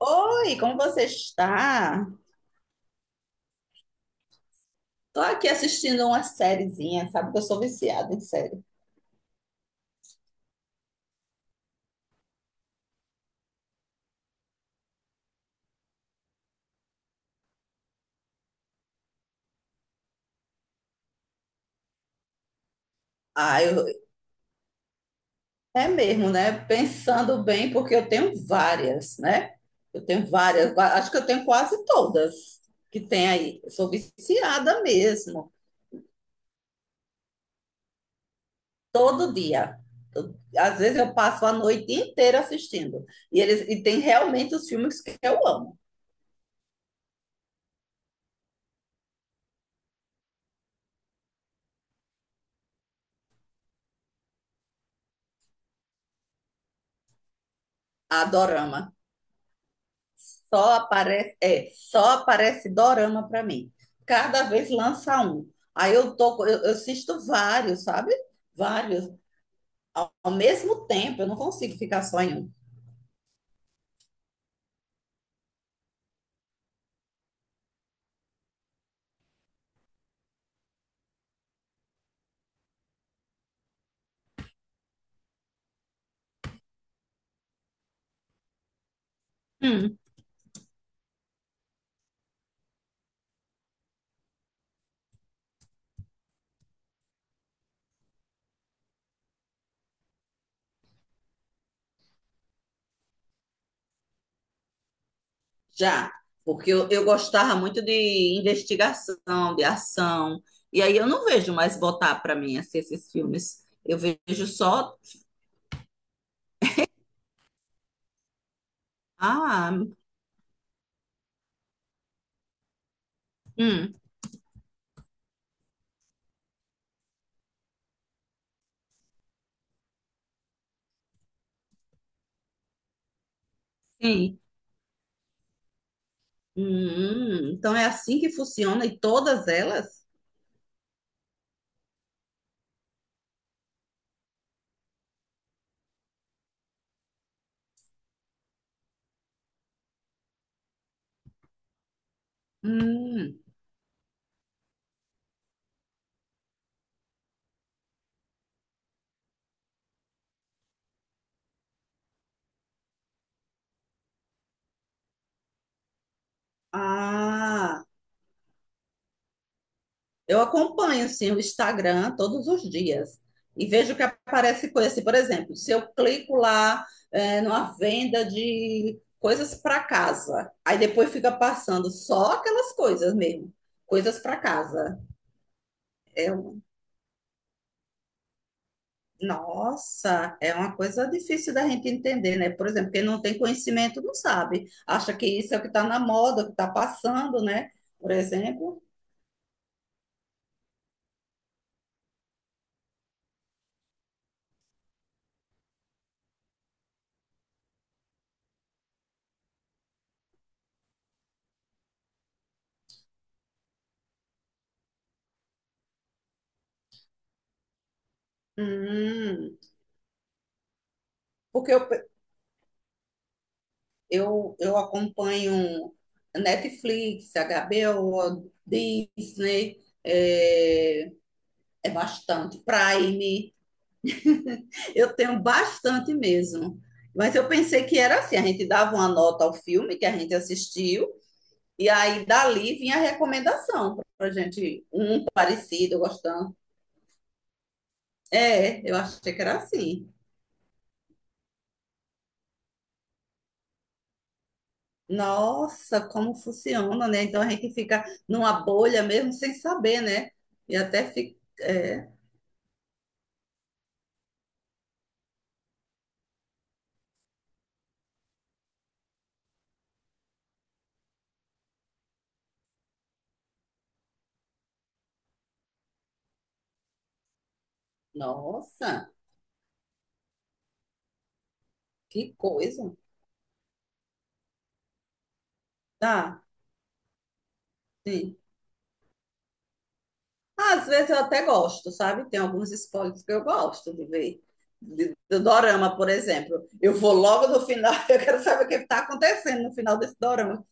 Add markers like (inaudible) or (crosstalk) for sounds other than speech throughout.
Oi, como você está? Tô aqui assistindo uma sériezinha, sabe que eu sou viciada em série. Ah, eu, é mesmo, né? Pensando bem, porque eu tenho várias, né? Eu tenho várias, acho que eu tenho quase todas que tem aí. Eu sou viciada mesmo. Todo dia. Às vezes eu passo a noite inteira assistindo. E eles e tem realmente os filmes que eu amo. A dorama. Só aparece, é, só aparece dorama para mim. Cada vez lança um. Aí eu assisto vários, sabe? Vários. Ao mesmo tempo, eu não consigo ficar só em um. Hum. Já, porque eu gostava muito de investigação, de ação, e aí eu não vejo mais botar para mim assim, esses filmes. Eu vejo só. Ah, hum, sim. Então é assim que funciona e todas elas? Hum, ah, eu acompanho sim o Instagram todos os dias e vejo que aparece coisa assim, por exemplo, se eu clico lá é, numa venda de coisas para casa, aí depois fica passando só aquelas coisas mesmo, coisas para casa. É um. Nossa, é uma coisa difícil da gente entender, né? Por exemplo, quem não tem conhecimento não sabe. Acha que isso é o que está na moda, o que está passando, né? Por exemplo. Hum, porque eu acompanho Netflix, HBO, Disney, é, é bastante, Prime. Eu tenho bastante mesmo. Mas eu pensei que era assim, a gente dava uma nota ao filme que a gente assistiu, e aí dali vinha a recomendação pra gente. Um parecido, gostando. É, eu achei que era assim. Nossa, como funciona, né? Então a gente fica numa bolha mesmo sem saber, né? E até fica. É. Nossa, que coisa. Tá, sim. Às vezes eu até gosto, sabe? Tem alguns spoilers que eu gosto de ver. Do dorama, por exemplo. Eu vou logo no final, (laughs) eu quero saber o que está acontecendo no final desse dorama.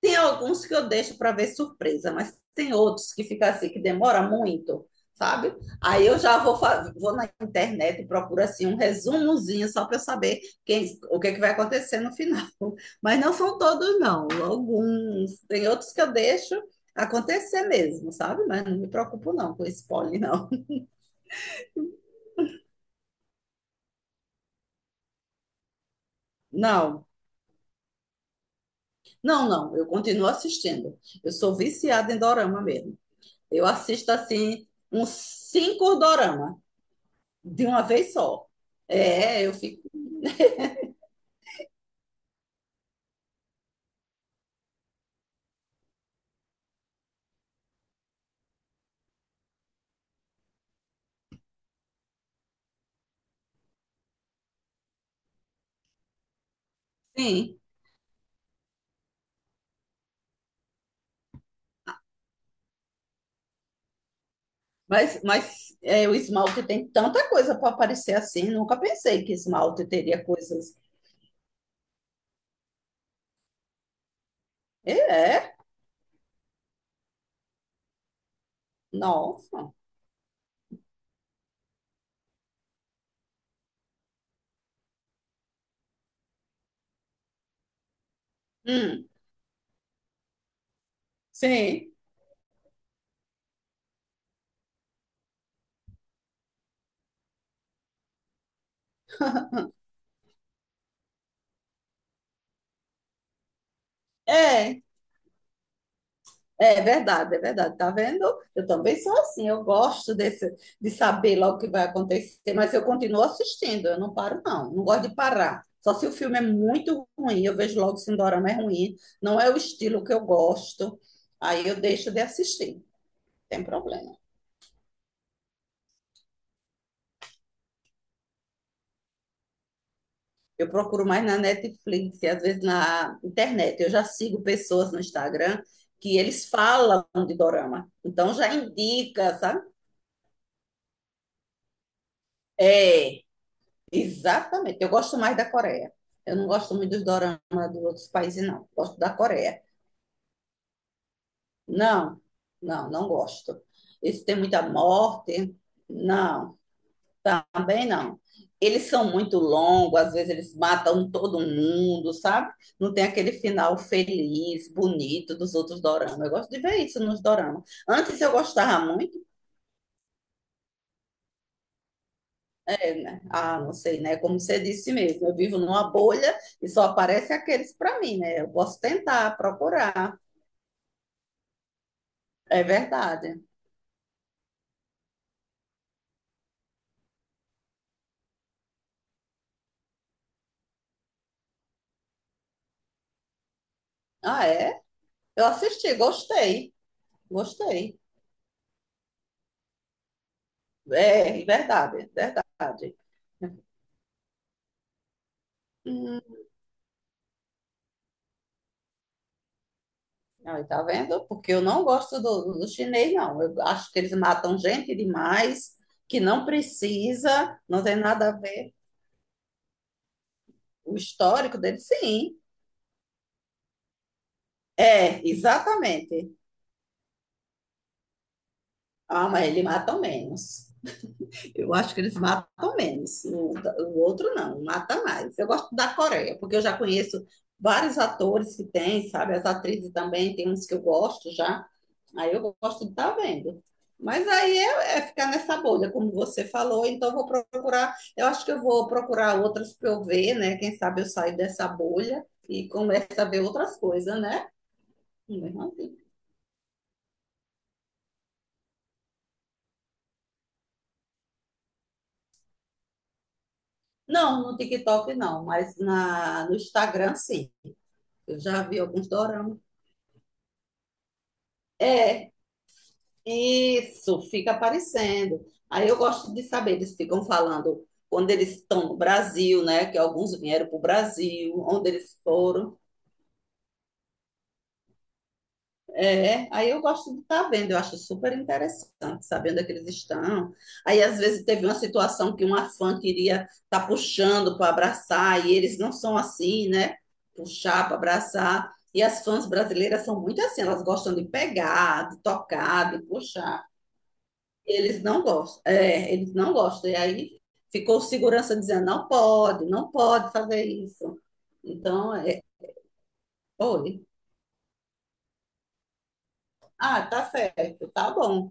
Tem alguns que eu deixo para ver surpresa, mas tem outros que fica assim, que demora muito, sabe? Aí eu já vou, vou na internet e procuro assim um resumozinho só para eu saber quem, o que, é que vai acontecer no final. (laughs) Mas não são todos, não. Alguns. Tem outros que eu deixo acontecer mesmo, sabe? Mas não me preocupo não com spoiler, (laughs) não. Não, não, não. Eu continuo assistindo. Eu sou viciada em dorama mesmo. Eu assisto assim uns 5 dorama de uma vez só. É, eu fico, sim. Mas, mas o esmalte tem tanta coisa para aparecer assim. Nunca pensei que esmalte teria coisas. É, é, nossa. Hum, sim. É, é verdade, é verdade. Tá vendo? Eu também sou assim. Eu gosto desse, de saber logo o que vai acontecer, mas eu continuo assistindo. Eu não paro, não. Não gosto de parar. Só se o filme é muito ruim, eu vejo logo se o dorama é ruim. Não é o estilo que eu gosto. Aí eu deixo de assistir. Tem problema. Eu procuro mais na Netflix e às vezes na internet. Eu já sigo pessoas no Instagram que eles falam de dorama. Então já indica, sabe? É, exatamente. Eu gosto mais da Coreia. Eu não gosto muito dos doramas dos outros países, não. Gosto da Coreia. Não, não, não gosto. Isso tem muita morte. Não. Também não. Eles são muito longos, às vezes eles matam todo mundo, sabe? Não tem aquele final feliz, bonito dos outros doramas. Eu gosto de ver isso nos doramas. Antes eu gostava muito, é, né? Ah, não sei, né? Como você disse mesmo, eu vivo numa bolha e só aparecem aqueles para mim, né? Eu posso tentar procurar. É verdade. Ah, é? Eu assisti, gostei. Gostei. É, verdade, verdade. Hum, Aí, tá vendo? Porque eu não gosto do chinês, não. Eu acho que eles matam gente demais, que não precisa, não tem nada a ver. O histórico dele, sim. É, exatamente. Ah, mas eles matam menos. Eu acho que eles matam menos. O outro não, mata mais. Eu gosto da Coreia, porque eu já conheço vários atores que tem, sabe? As atrizes também, tem uns que eu gosto já. Aí eu gosto de estar vendo. Mas aí é ficar nessa bolha, como você falou. Então eu vou procurar. Eu acho que eu vou procurar outras para eu ver, né? Quem sabe eu saio dessa bolha e começo a ver outras coisas, né? Não, no TikTok não, mas no Instagram sim. Eu já vi alguns doramas. É, isso, fica aparecendo. Aí eu gosto de saber, eles ficam falando quando eles estão no Brasil, né? Que alguns vieram para o Brasil, onde eles foram. É, aí eu gosto de estar vendo, eu acho super interessante, sabendo onde é que eles estão. Aí às vezes teve uma situação que uma fã queria estar puxando para abraçar, e eles não são assim, né? Puxar para abraçar. E as fãs brasileiras são muito assim, elas gostam de pegar, de tocar, de puxar. Eles não gostam. É, eles não gostam. E aí ficou o segurança dizendo, não pode, não pode fazer isso. Então, é, oi. Ah, tá certo, tá bom.